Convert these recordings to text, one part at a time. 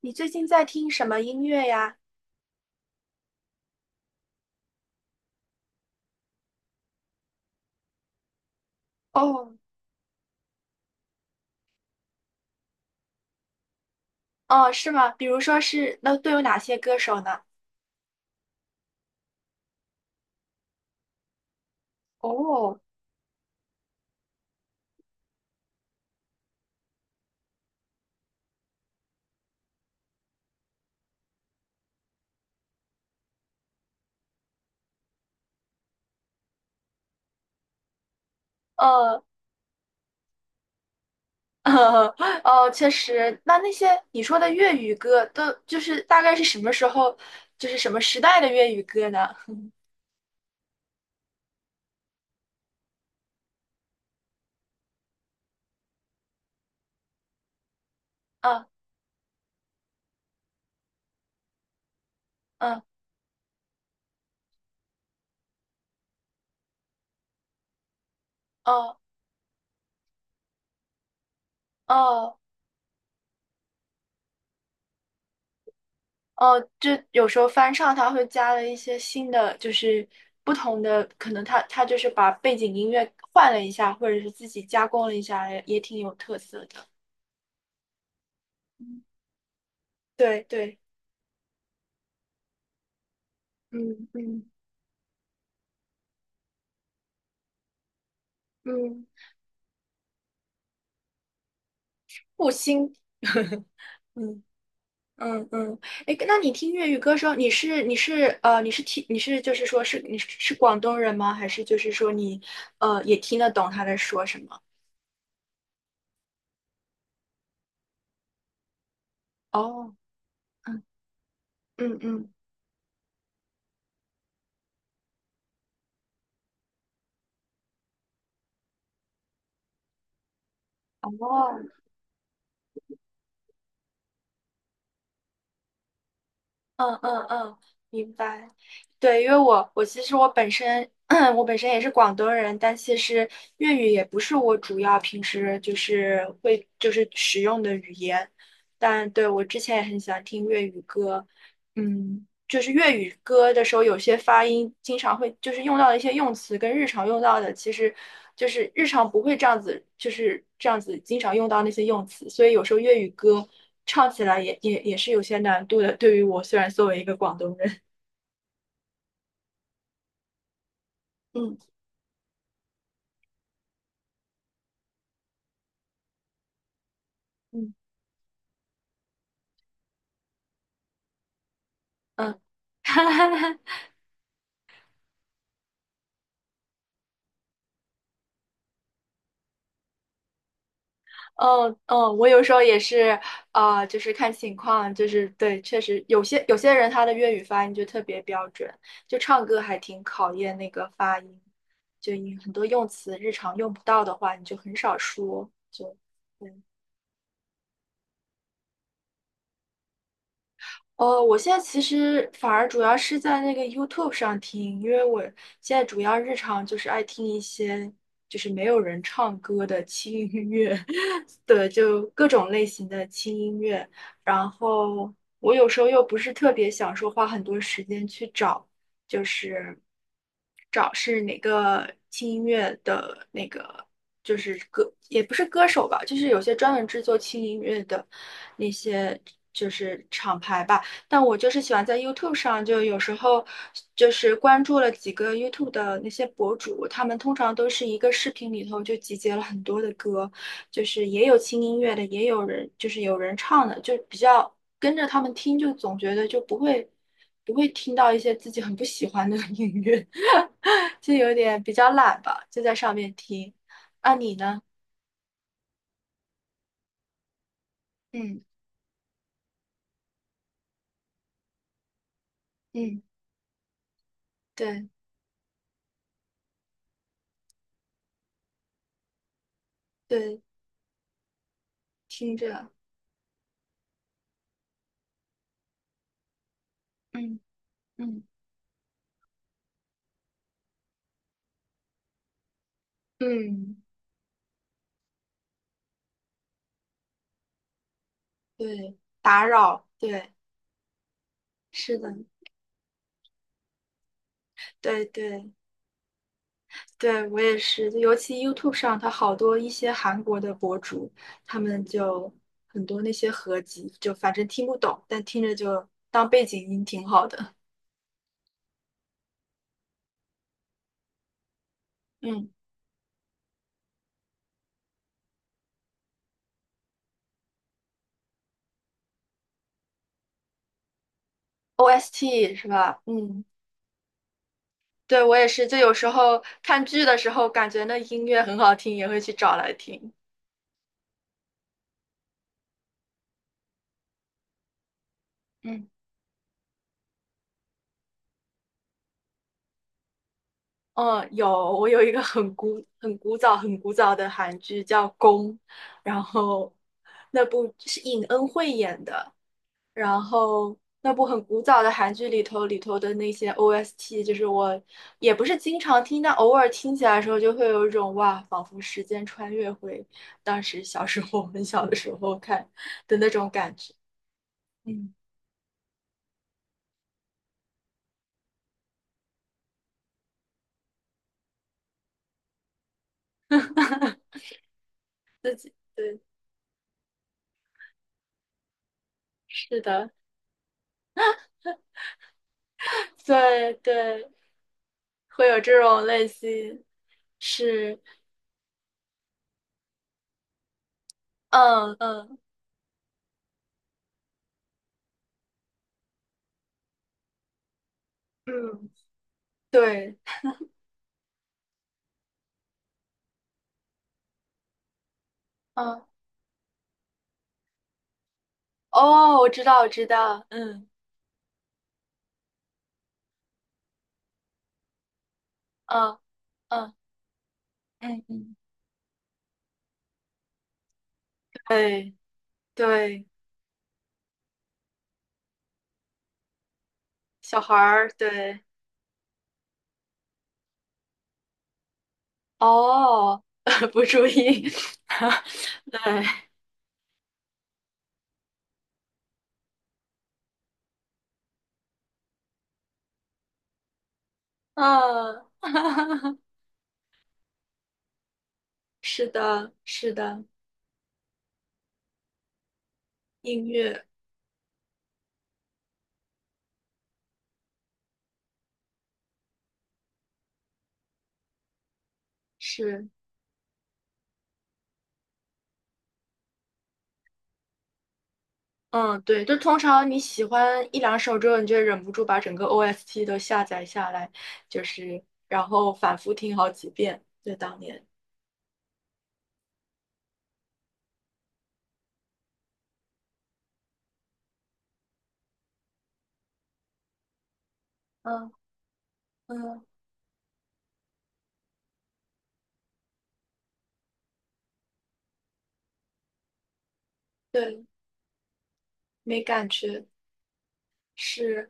你最近在听什么音乐呀？哦，哦，是吗？比如说是，那都有哪些歌手呢？哦，呃，呃，哦，确实，那些你说的粤语歌，都就是大概是什么时候，就是什么时代的粤语歌呢？嗯嗯，哦哦哦，就有时候翻唱，它会加了一些新的，就是不同的，可能它就是把背景音乐换了一下，或者是自己加工了一下，也挺有特色的。对对。嗯嗯嗯，复兴，嗯嗯嗯，哎，那你听粤语歌的时候，你是就是说是你是是广东人吗？还是就是说你也听得懂他在说什么？哦，嗯嗯嗯，哦，嗯嗯嗯，明白。对，因为我其实我本身 我本身也是广东人，但其实粤语也不是我主要平时就是会就是使用的语言。但对，我之前也很喜欢听粤语歌，嗯。就是粤语歌的时候，有些发音经常会就是用到的一些用词，跟日常用到的，其实就是日常不会这样子，就是这样子经常用到那些用词，所以有时候粤语歌唱起来也是有些难度的。对于我，虽然作为一个广东人，嗯嗯嗯，哈哈哈。嗯嗯，我有时候也是，啊、就是看情况，就是对，确实有些人他的粤语发音就特别标准，就唱歌还挺考验那个发音，就你很多用词日常用不到的话，你就很少说，就对哦，我现在其实反而主要是在那个 YouTube 上听，因为我现在主要日常就是爱听一些就是没有人唱歌的轻音乐，对，就各种类型的轻音乐。然后我有时候又不是特别想说花很多时间去找，就是找是哪个轻音乐的那个，就是歌，也不是歌手吧，就是有些专门制作轻音乐的那些就是厂牌吧。但我就是喜欢在 YouTube 上，就有时候就是关注了几个 YouTube 的那些博主，他们通常都是一个视频里头就集结了很多的歌，就是也有轻音乐的，也有人就是有人唱的，就比较跟着他们听，就总觉得就不会听到一些自己很不喜欢的音乐，就有点比较懒吧，就在上面听。那你呢？嗯嗯，对对，听着，嗯嗯嗯。对，打扰，对，是的，对对对，我也是，尤其 YouTube 上，它好多一些韩国的博主，他们就很多那些合集，就反正听不懂，但听着就当背景音挺好的。嗯，OST 是吧？嗯，对，我也是，就有时候看剧的时候，感觉那音乐很好听，也会去找来听。嗯。嗯，有，我有一个很古、很古早、很古早的韩剧叫《宫》，然后那部是尹恩惠演的，然后那部很古早的韩剧里头的那些 OST，就是我也不是经常听，但偶尔听起来的时候，就会有一种哇，仿佛时间穿越回当时小时候、很小的时候看的那种感觉。嗯，自己对，是的，对对，会有这种类型，是。嗯嗯嗯，对，嗯，哦，我知道，我知道，嗯嗯嗯，嗯嗯，对对，小孩儿，对，哦，不注意，对，嗯，是的，是的，音乐是，嗯，对，就通常你喜欢一两首之后，你就忍不住把整个 OST 都下载下来，就是然后反复听好几遍，就当年，嗯嗯，对。没感觉，是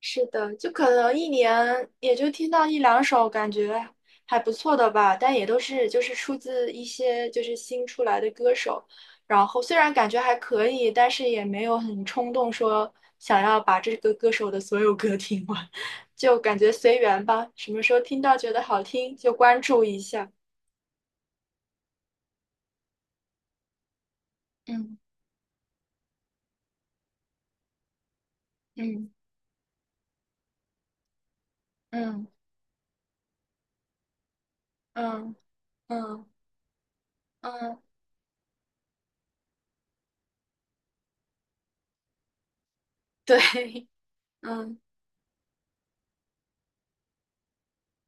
是的，就可能一年也就听到一两首，感觉还不错的吧，但也都是就是出自一些就是新出来的歌手，然后虽然感觉还可以，但是也没有很冲动说想要把这个歌手的所有歌听完，就感觉随缘吧，什么时候听到觉得好听就关注一下，嗯嗯嗯嗯嗯嗯，对，嗯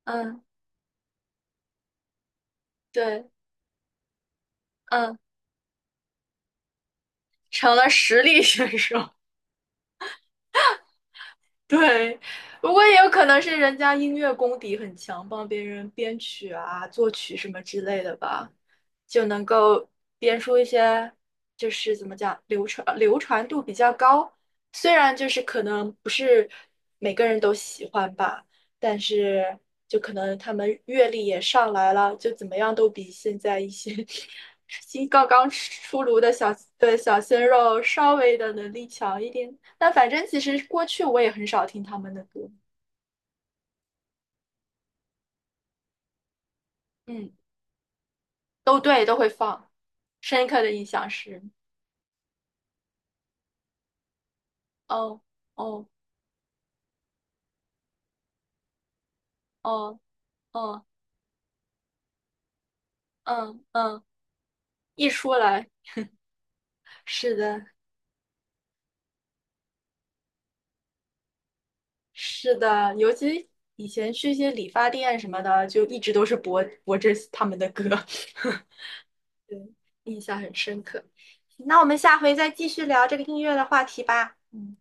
嗯对，嗯。成了实力选手。对，不过也有可能是人家音乐功底很强，帮别人编曲啊、作曲什么之类的吧，就能够编出一些就是怎么讲，流传度比较高。虽然就是可能不是每个人都喜欢吧，但是就可能他们阅历也上来了，就怎么样都比现在一些 新刚刚出炉的小鲜肉稍微的能力强一点。但反正其实过去我也很少听他们的歌，嗯，都对，都会放。深刻的印象是，哦哦哦哦嗯嗯，一出来，是的，是的，尤其以前去一些理发店什么的，就一直都是播这他们的歌。对，印象很深刻。那我们下回再继续聊这个音乐的话题吧。嗯。